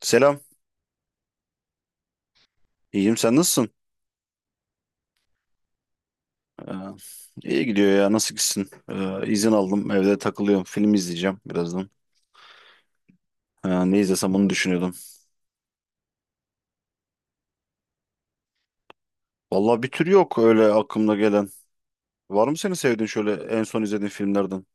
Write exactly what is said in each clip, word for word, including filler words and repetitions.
Selam. İyiyim, sen nasılsın? Ee, iyi gidiyor ya, nasıl gitsin? Ee, izin aldım, evde takılıyorum, film izleyeceğim birazdan. Ee, ne izlesem onu düşünüyordum. Vallahi bir tür yok öyle aklımda gelen. Var mı senin sevdiğin şöyle en son izlediğin filmlerden?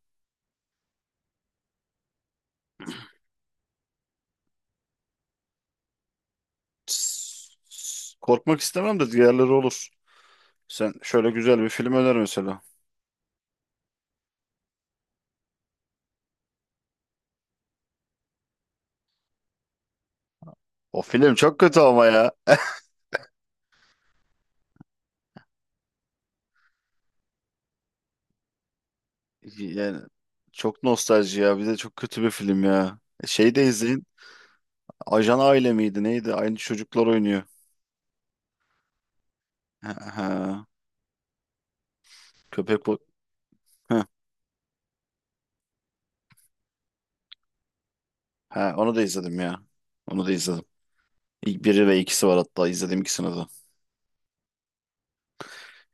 Tss, Korkmak istemem de diğerleri olur. Sen şöyle güzel bir film öner mesela. O film çok kötü ama ya. Yani çok nostalji ya, bir de çok kötü bir film ya. Şey de izleyin. Ajan Aile miydi neydi? Aynı çocuklar oynuyor. Ha, ha. Köpek Heh, ha, onu da izledim ya. Onu da izledim. İlk biri ve ikisi var, hatta izlediğim ikisini de.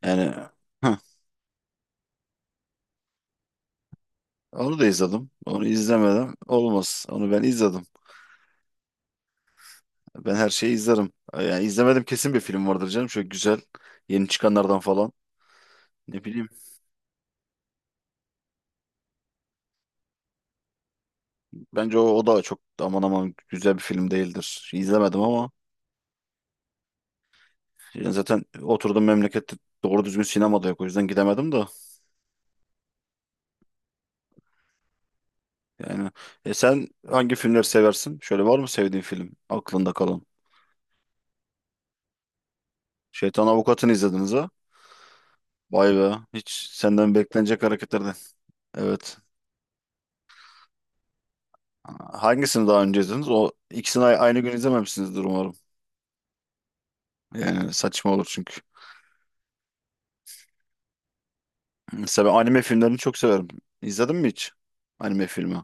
Yani heh, onu da izledim. Onu izlemedim. Olmaz. Onu ben izledim. Ben her şeyi izlerim. Yani izlemedim kesin bir film vardır canım. Şöyle güzel. Yeni çıkanlardan falan. Ne bileyim. Bence o, o da çok aman aman güzel bir film değildir. İzlemedim ama yani zaten oturduğum memlekette doğru düzgün sinemada yok. O yüzden gidemedim de. Yani e sen hangi filmleri seversin? Şöyle var mı sevdiğin film aklında kalan? Şeytan Avukatı'nı izlediniz ha? Vay be. Hiç senden beklenecek hareketlerden. Evet. Hangisini daha önce izlediniz? O ikisini a- aynı gün izlememişsinizdir umarım. Yani saçma olur çünkü. Mesela ben anime filmlerini çok severim. İzledin mi hiç? Anime filmi.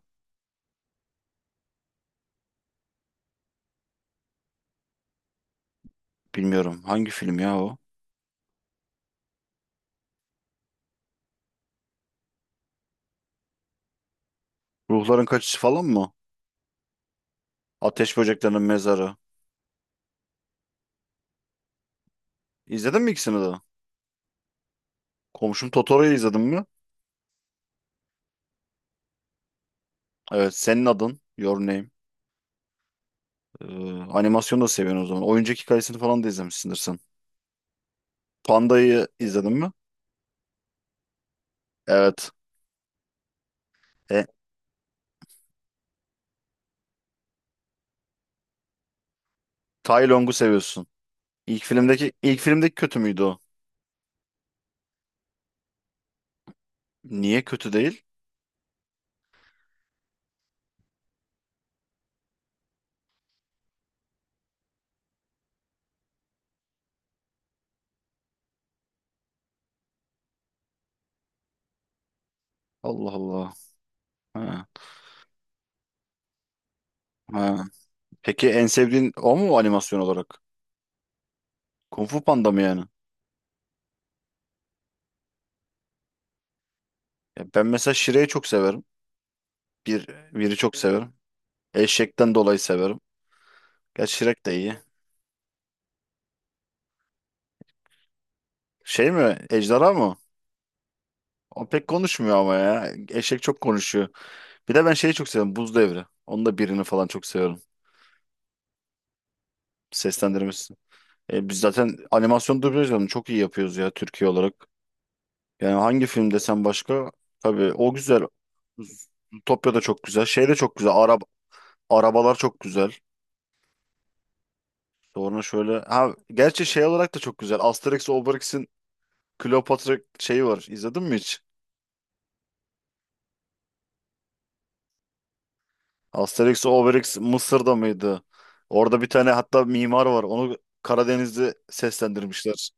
Bilmiyorum. Hangi film ya o? Ruhların Kaçışı falan mı? Ateş Böceklerinin Mezarı. İzledin mi ikisini de? Komşum Totoro'yu izledin mi? Evet. Senin adın. Your Name. Ee, Animasyonu da seviyorsun o zaman. Oyuncak hikayesini falan da izlemişsindir sen. Panda'yı izledin mi? Evet. E, Tai Long'u seviyorsun. İlk filmdeki ilk filmdeki kötü müydü o? Niye kötü değil? Allah Allah. Ha, ha. Peki en sevdiğin o mu animasyon olarak? Kung Fu Panda mı yani? Ya ben mesela Shrek'i çok severim. Bir, biri çok severim. Eşekten dolayı severim. Gerçi Shrek de iyi. Şey mi? Ejderha mı? O pek konuşmuyor ama ya. Eşek çok konuşuyor. Bir de ben şeyi çok seviyorum. Buz Devri. Onun da birini falan çok seviyorum. Seslendirmesi. E, biz zaten animasyon dublajlarını çok iyi yapıyoruz ya, Türkiye olarak. Yani hangi film desem başka? Tabii o güzel. Zootopia da çok güzel. Şey de çok güzel. Arab arabalar çok güzel. Sonra şöyle, ha gerçi şey olarak da çok güzel, Asterix Obelix'in Kleopatra şeyi var. İzledin mi hiç? Asterix Obelix Mısır'da mıydı? Orada bir tane hatta mimar var. Onu Karadeniz'de seslendirmişler.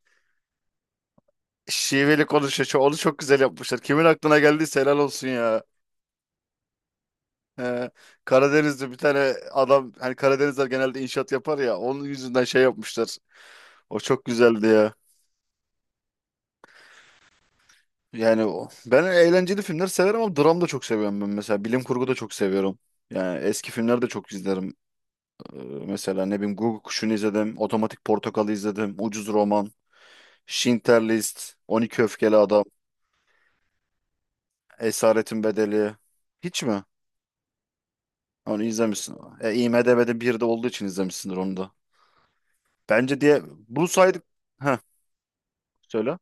Şiveli konuşuyor. Onu çok güzel yapmışlar. Kimin aklına geldiyse helal olsun ya. Ee, Karadeniz'de bir tane adam, hani Karadenizler genelde inşaat yapar ya, onun yüzünden şey yapmışlar. O çok güzeldi ya. Yani o. Ben eğlenceli filmler severim ama dram da çok seviyorum ben mesela. Bilim kurgu da çok seviyorum. Yani eski filmler de çok izlerim. Ee, Mesela ne bileyim, Guguk Kuşu'nu izledim. Otomatik Portakal'ı izledim. Ucuz Roman. Schindler List. On iki Öfkeli Adam. Esaretin Bedeli. Hiç mi? Onu izlemişsin. E, IMDb'de bir de olduğu için izlemişsindir onu da. Bence diye bu saydık. Heh, Söyle.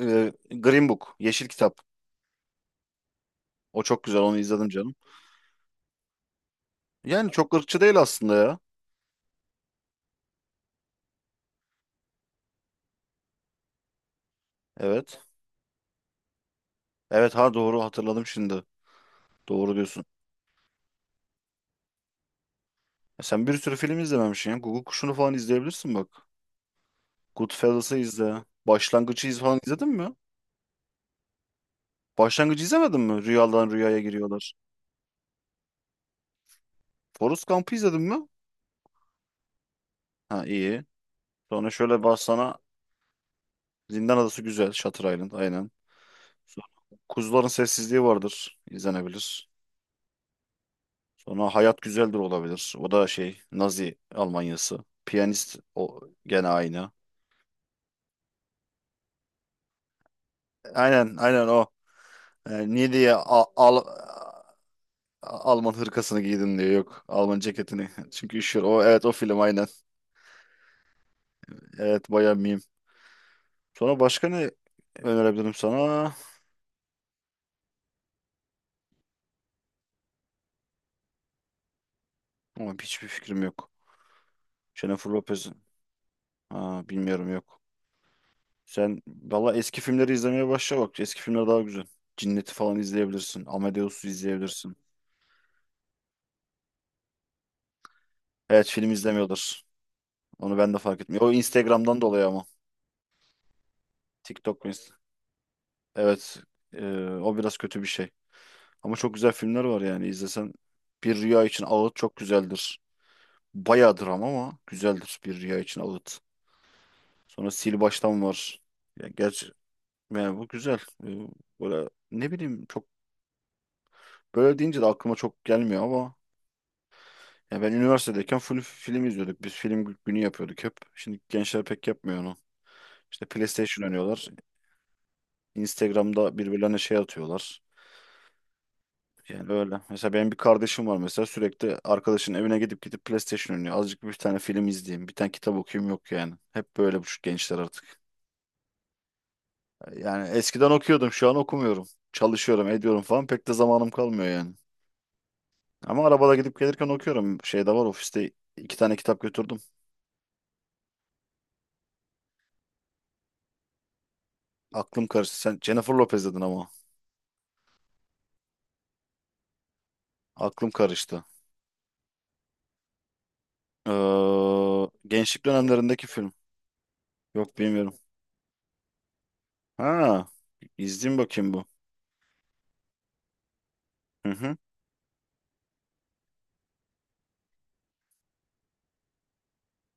Ee, Green Book, Yeşil Kitap. O çok güzel, onu izledim canım. Yani çok ırkçı değil aslında ya. Evet. Evet, ha, doğru hatırladım şimdi. Doğru diyorsun. E sen bir sürü film izlememişsin ya. Google Kuşu'nu falan izleyebilirsin bak. Goodfellas'ı izle. Başlangıcı iz falan izledin mi? Başlangıcı izlemedin mi? Rüyadan rüyaya giriyorlar. Forrest Gump'ı izledin mi? Ha, iyi. Sonra şöyle bak sana, Zindan Adası güzel. Shutter Island, aynen. Sonra Kuzuların Sessizliği vardır. İzlenebilir. Sonra Hayat Güzeldir olabilir. O da şey, Nazi Almanyası. Piyanist o gene aynı. Aynen, aynen o. Ee, niye diye Al Al- Alman hırkasını giydin diyor. Yok, Alman ceketini. Çünkü üşüyor. O evet, o film aynen. Evet, bayağı meme. Sonra başka ne önerebilirim sana? Ama hiçbir fikrim yok. Jennifer Lopez. Ha, bilmiyorum, yok. Sen valla eski filmleri izlemeye başla bak. Eski filmler daha güzel. Cinnet'i falan izleyebilirsin. Amadeus'u izleyebilirsin. Evet, film izlemiyordur. Onu ben de fark etmiyorum. O Instagram'dan dolayı ama. TikTok ve Inst- Evet. Ee, o biraz kötü bir şey. Ama çok güzel filmler var yani. İzlesen, Bir Rüya için Ağıt çok güzeldir. Bayağı dram ama güzeldir Bir Rüya için Ağıt. Sonra Sil Baştan var. Ya gerçi yani bu güzel. Ee, Böyle ne bileyim, çok böyle deyince de aklıma çok gelmiyor ama ya, ben üniversitedeyken full film izliyorduk. Biz film günü yapıyorduk hep. Şimdi gençler pek yapmıyor onu. İşte PlayStation oynuyorlar. Instagram'da birbirlerine şey atıyorlar. Yani öyle. Mesela benim bir kardeşim var mesela, sürekli arkadaşının evine gidip gidip PlayStation oynuyor. Azıcık bir tane film izleyeyim, bir tane kitap okuyayım yok yani. Hep böyle bu şu gençler artık. Yani eskiden okuyordum, şu an okumuyorum. Çalışıyorum, ediyorum falan, pek de zamanım kalmıyor yani. Ama arabada gidip gelirken okuyorum. Şey de var, ofiste iki tane kitap götürdüm. Aklım karıştı. Sen Jennifer Lopez dedin ama. Aklım karıştı. Ee, gençlik dönemlerindeki film. Yok, bilmiyorum. Ha, izleyeyim bakayım bu. Hı hı.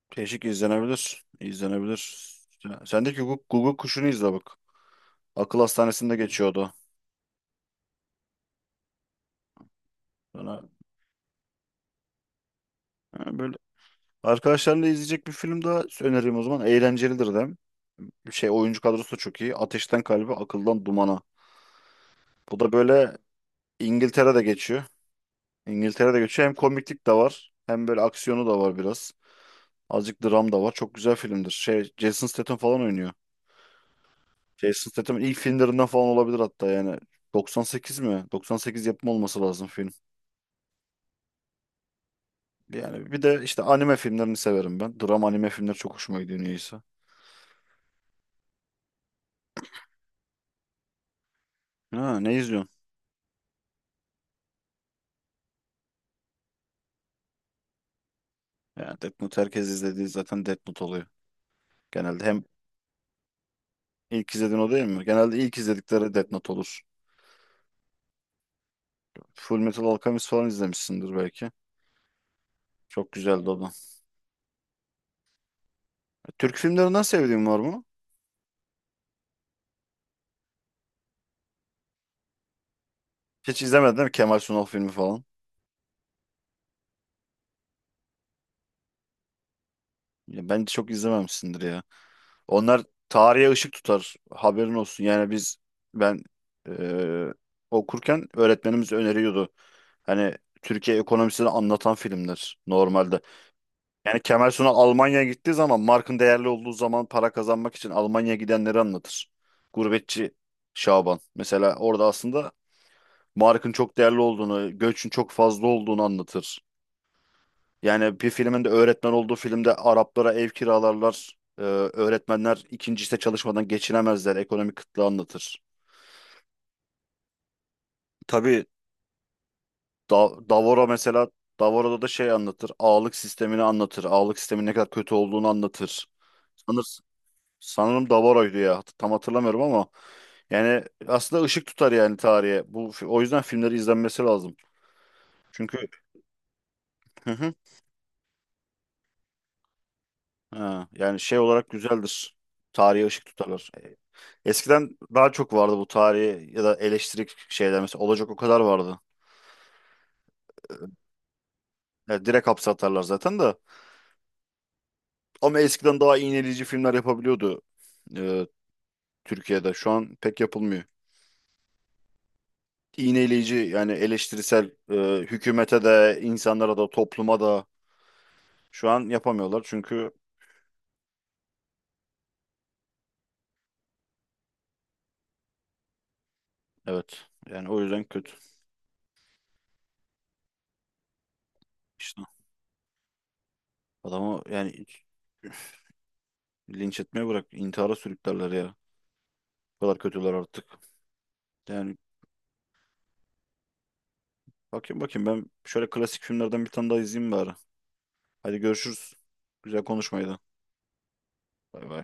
Teşvik izlenebilir. İzlenebilir. Ya, Sendeki Guguk, Google kuşunu izle bak. Akıl hastanesinde geçiyordu. Sonra, ha, böyle arkadaşlarla izleyecek bir film daha önereyim o zaman. Eğlencelidir de. Şey, oyuncu kadrosu da çok iyi. Ateşten Kalbe, Akıldan Dumana. Bu da böyle İngiltere'de geçiyor. İngiltere'de geçiyor. Hem komiklik de var. Hem böyle aksiyonu da var biraz. Azıcık dram da var. Çok güzel filmdir. Şey, Jason Statham falan oynuyor. Jason Statham'ın ilk filmlerinden falan olabilir hatta yani. doksan sekiz mi? doksan sekiz yapımı olması lazım film. Yani bir de işte anime filmlerini severim ben. Drama anime filmleri çok hoşuma gidiyor niyeyse. Ha, ne izliyorsun? Yani Death Note, herkes izlediği zaten Death Note oluyor. Genelde hem ilk izlediğin o değil mi? Genelde ilk izledikleri Death Note olur. Full Metal Alchemist falan izlemişsindir belki. Çok güzeldi o da. Türk filmlerinden sevdiğin var mı? Hiç izlemedin değil mi? Kemal Sunal filmi falan. Ya bence çok izlememişsindir ya. Onlar tarihe ışık tutar. Haberin olsun. Yani biz, ben eee, okurken öğretmenimiz öneriyordu. Hani Türkiye ekonomisini anlatan filmler normalde. Yani Kemal Sunal Almanya'ya gittiği zaman, markın değerli olduğu zaman, para kazanmak için Almanya'ya gidenleri anlatır. Gurbetçi Şaban. Mesela orada aslında markın çok değerli olduğunu, göçün çok fazla olduğunu anlatır. Yani bir filmin de öğretmen olduğu filmde Araplara ev kiralarlar. Ee, öğretmenler ikinci işte çalışmadan geçinemezler. Ekonomik kıtlığı anlatır. Tabii. Da- Davoro mesela, Davoro'da da şey anlatır. Ağalık sistemini anlatır. Ağalık sistemin ne kadar kötü olduğunu anlatır. Sanır, sanırım Davoro'ydu ya. Hat- Tam hatırlamıyorum ama yani aslında ışık tutar yani tarihe. Bu fi- o yüzden filmleri izlenmesi lazım. Çünkü, hı hı, ha, yani şey olarak güzeldir. Tarihe ışık tutarlar. Eskiden daha çok vardı bu tarihi ya da eleştirik şeyler mesela, olacak o kadar vardı. Yani direkt hapse atarlar zaten de. Ama eskiden daha iğneleyici filmler yapabiliyordu e, Türkiye'de. Şu an pek yapılmıyor. İğneleyici yani eleştirisel, e, hükümete de, insanlara da, topluma da şu an yapamıyorlar. Çünkü evet, yani o yüzden kötü. İşte adamı yani linç etmeye bırak, intihara sürüklerler ya. O kadar kötüler artık. Yani bakayım bakayım, ben şöyle klasik filmlerden bir tane daha izleyeyim bari. Hadi görüşürüz. Güzel konuşmaydı. Bay bay.